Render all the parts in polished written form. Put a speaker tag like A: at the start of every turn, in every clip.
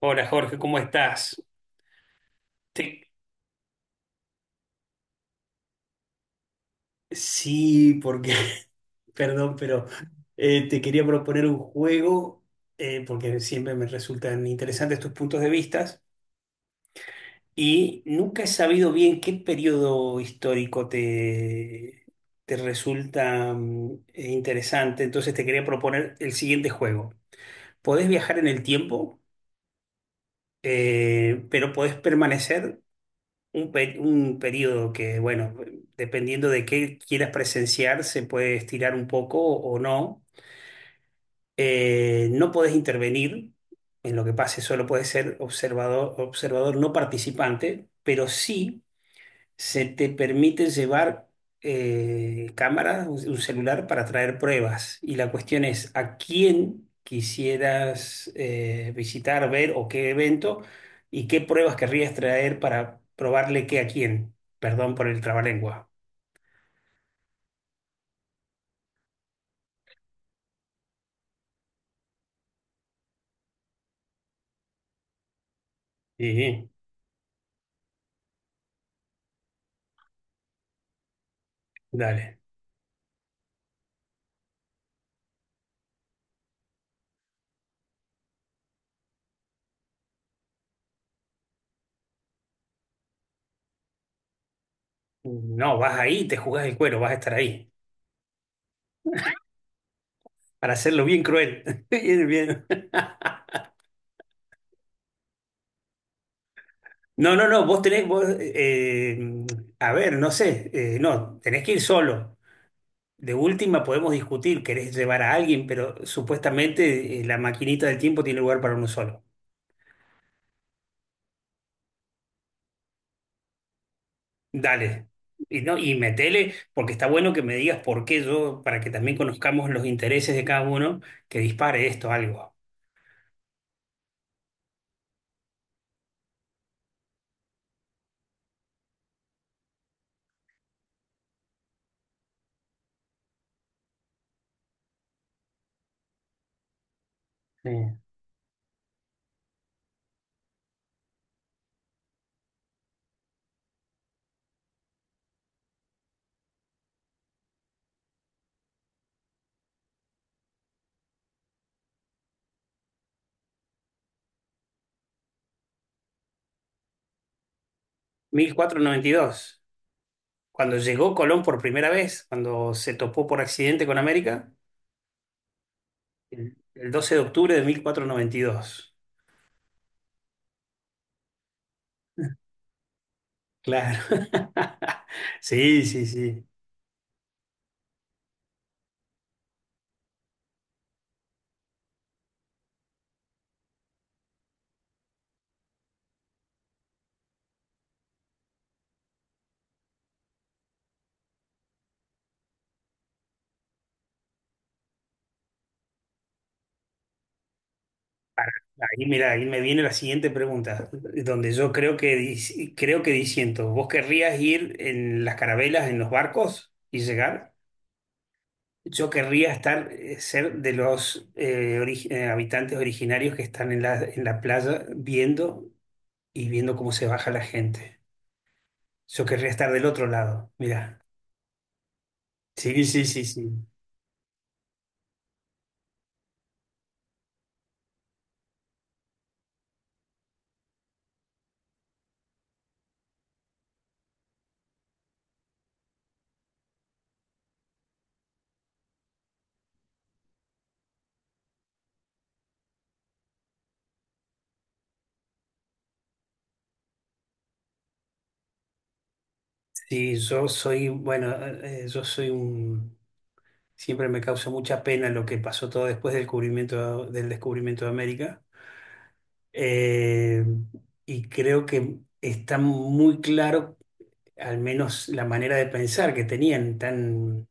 A: Hola Jorge, ¿cómo estás? Te- Sí, porque, perdón, pero te quería proponer un juego, porque siempre me resultan interesantes tus puntos de vista, y nunca he sabido bien qué periodo histórico te resulta interesante, entonces te quería proponer el siguiente juego. Podés viajar en el tiempo, pero podés permanecer un periodo que, bueno, dependiendo de qué quieras presenciar, se puede estirar un poco o no. No podés intervenir en lo que pase, solo puedes ser observador, observador no participante, pero sí se te permiten llevar cámaras, un celular para traer pruebas. Y la cuestión es, ¿a quién quisieras visitar, ver o qué evento y qué pruebas querrías traer para probarle qué a quién? Perdón por el trabalengua. Sí, dale. No, vas ahí, te jugás el cuero, vas a estar ahí. Para hacerlo bien cruel. Bien, bien. No, no, no, vos tenés, vos, a ver, no sé, no, tenés que ir solo. De última podemos discutir, querés llevar a alguien, pero supuestamente la maquinita del tiempo tiene lugar para uno solo. Dale. Y, no, y metele, porque está bueno que me digas por qué yo, para que también conozcamos los intereses de cada uno, que dispare esto algo. Sí. 1492. Cuando llegó Colón por primera vez, cuando se topó por accidente con América, el 12 de octubre de 1492. Claro. Sí, sí, sí. Ahí, mira, ahí me viene la siguiente pregunta, donde yo creo que creo que diciendo, ¿vos querrías ir en las carabelas, en los barcos y llegar? Yo querría estar, ser de los habitantes originarios que están en la playa viendo y viendo cómo se baja la gente. Yo querría estar del otro lado, mira. Sí, sí, sí, sí. Sí, yo soy, bueno, yo soy un... Siempre me causa mucha pena lo que pasó todo después del descubrimiento de América. Eh, y creo que está muy claro, al menos la manera de pensar que tenían, tan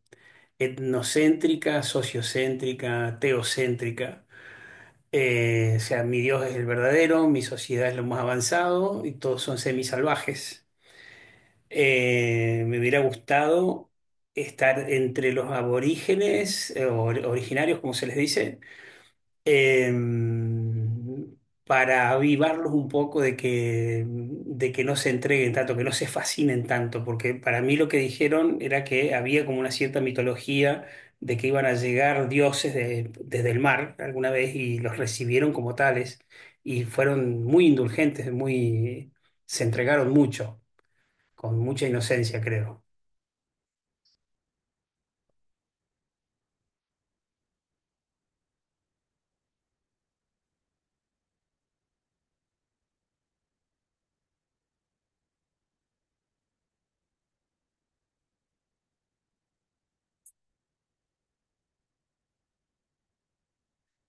A: etnocéntrica, sociocéntrica, teocéntrica. O sea, mi Dios es el verdadero, mi sociedad es lo más avanzado y todos son semisalvajes. Me hubiera gustado estar entre los aborígenes, or- originarios, como se les dice em, para avivarlos un poco de que no se entreguen tanto, que no se fascinen tanto, porque para mí lo que dijeron era que había como una cierta mitología de que iban a llegar dioses desde el mar alguna vez y los recibieron como tales y fueron muy indulgentes, muy, se entregaron mucho, con mucha inocencia, creo.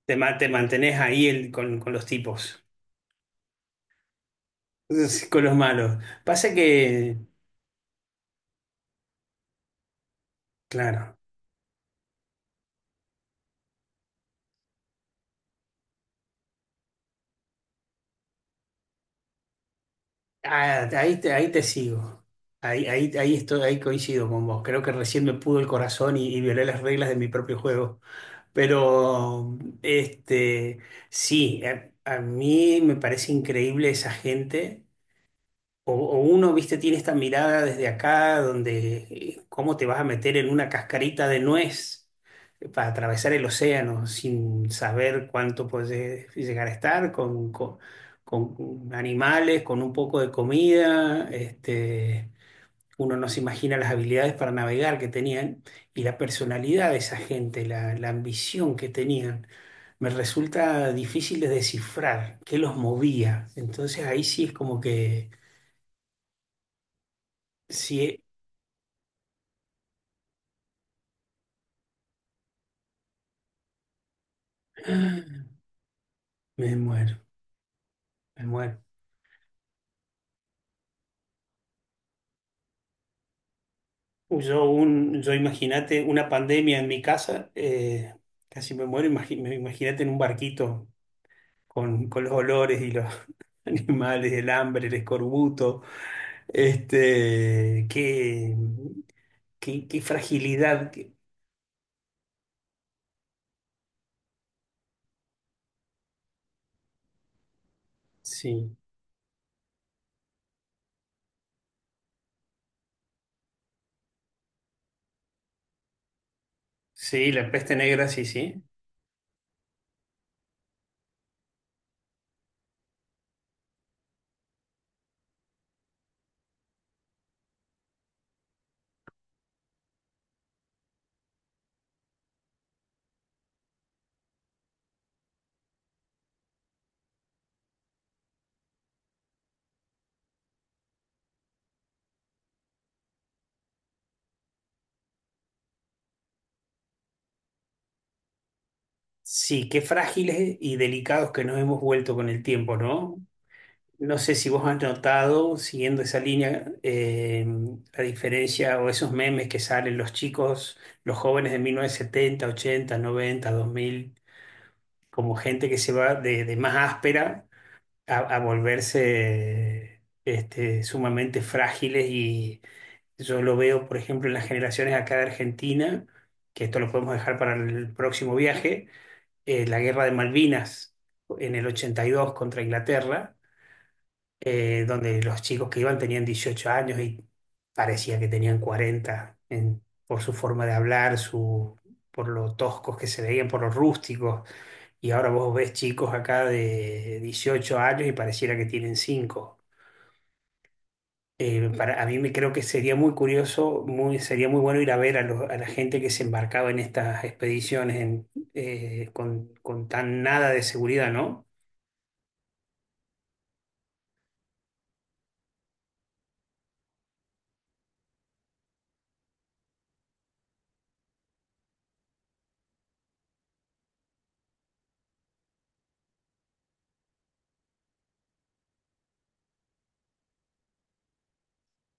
A: Te mantenés ahí con los tipos, con los malos. Pasa que, claro. Ah, ahí te sigo. Ahí estoy, ahí coincido con vos. Creo que recién me pudo el corazón y violé las reglas de mi propio juego. Pero, este, sí, a mí me parece increíble esa gente. O uno, viste, tiene esta mirada desde acá, donde cómo te vas a meter en una cascarita de nuez para atravesar el océano sin saber cuánto puedes llegar a estar, con animales, con un poco de comida. Uno no se imagina las habilidades para navegar que tenían y la personalidad de esa gente, la ambición que tenían. Me resulta difícil de descifrar qué los movía. Entonces ahí sí es como que... si Me muero, me muero. Yo, un, yo Imagínate una pandemia en mi casa, casi me muero. Imagínate en un barquito con los olores y los animales, el hambre, el escorbuto. Este, qué, qué fragilidad. Sí, sí, la peste negra, sí, sí. Sí, qué frágiles y delicados que nos hemos vuelto con el tiempo, ¿no? No sé si vos has notado, siguiendo esa línea, la diferencia o esos memes que salen los chicos, los jóvenes de 1970, 80, 90, 2000, como gente que se va de más áspera a volverse sumamente frágiles. Y yo lo veo, por ejemplo, en las generaciones acá de Argentina, que esto lo podemos dejar para el próximo viaje, la guerra de Malvinas en el 82 contra Inglaterra donde los chicos que iban tenían 18 años y parecía que tenían 40 por su forma de hablar, por lo toscos que se veían, por los rústicos. Y ahora vos ves chicos acá de 18 años y pareciera que tienen cinco. Para, a mí me creo que sería muy curioso, muy, sería muy bueno ir a ver a, a la gente que se embarcaba en estas expediciones en, con tan nada de seguridad, ¿no?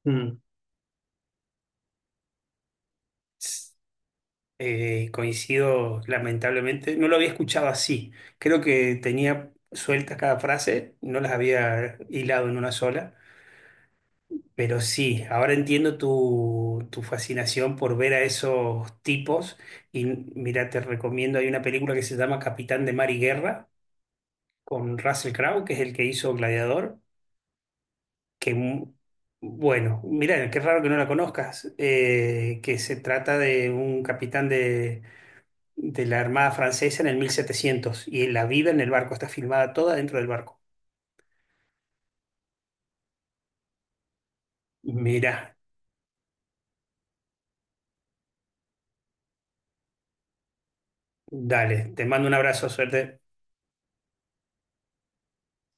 A: Mm. Coincido, lamentablemente. No lo había escuchado así. Creo que tenía sueltas cada frase, no las había hilado en una sola. Pero sí, ahora entiendo tu, fascinación por ver a esos tipos. Y mira, te recomiendo, hay una película que se llama Capitán de Mar y Guerra, con Russell Crowe, que es el que hizo Gladiador, que, bueno, mira, qué raro que no la conozcas, que se trata de un capitán de la Armada Francesa en el 1700 y la vida en el barco está filmada toda dentro del barco. Mira, dale, te mando un abrazo, suerte.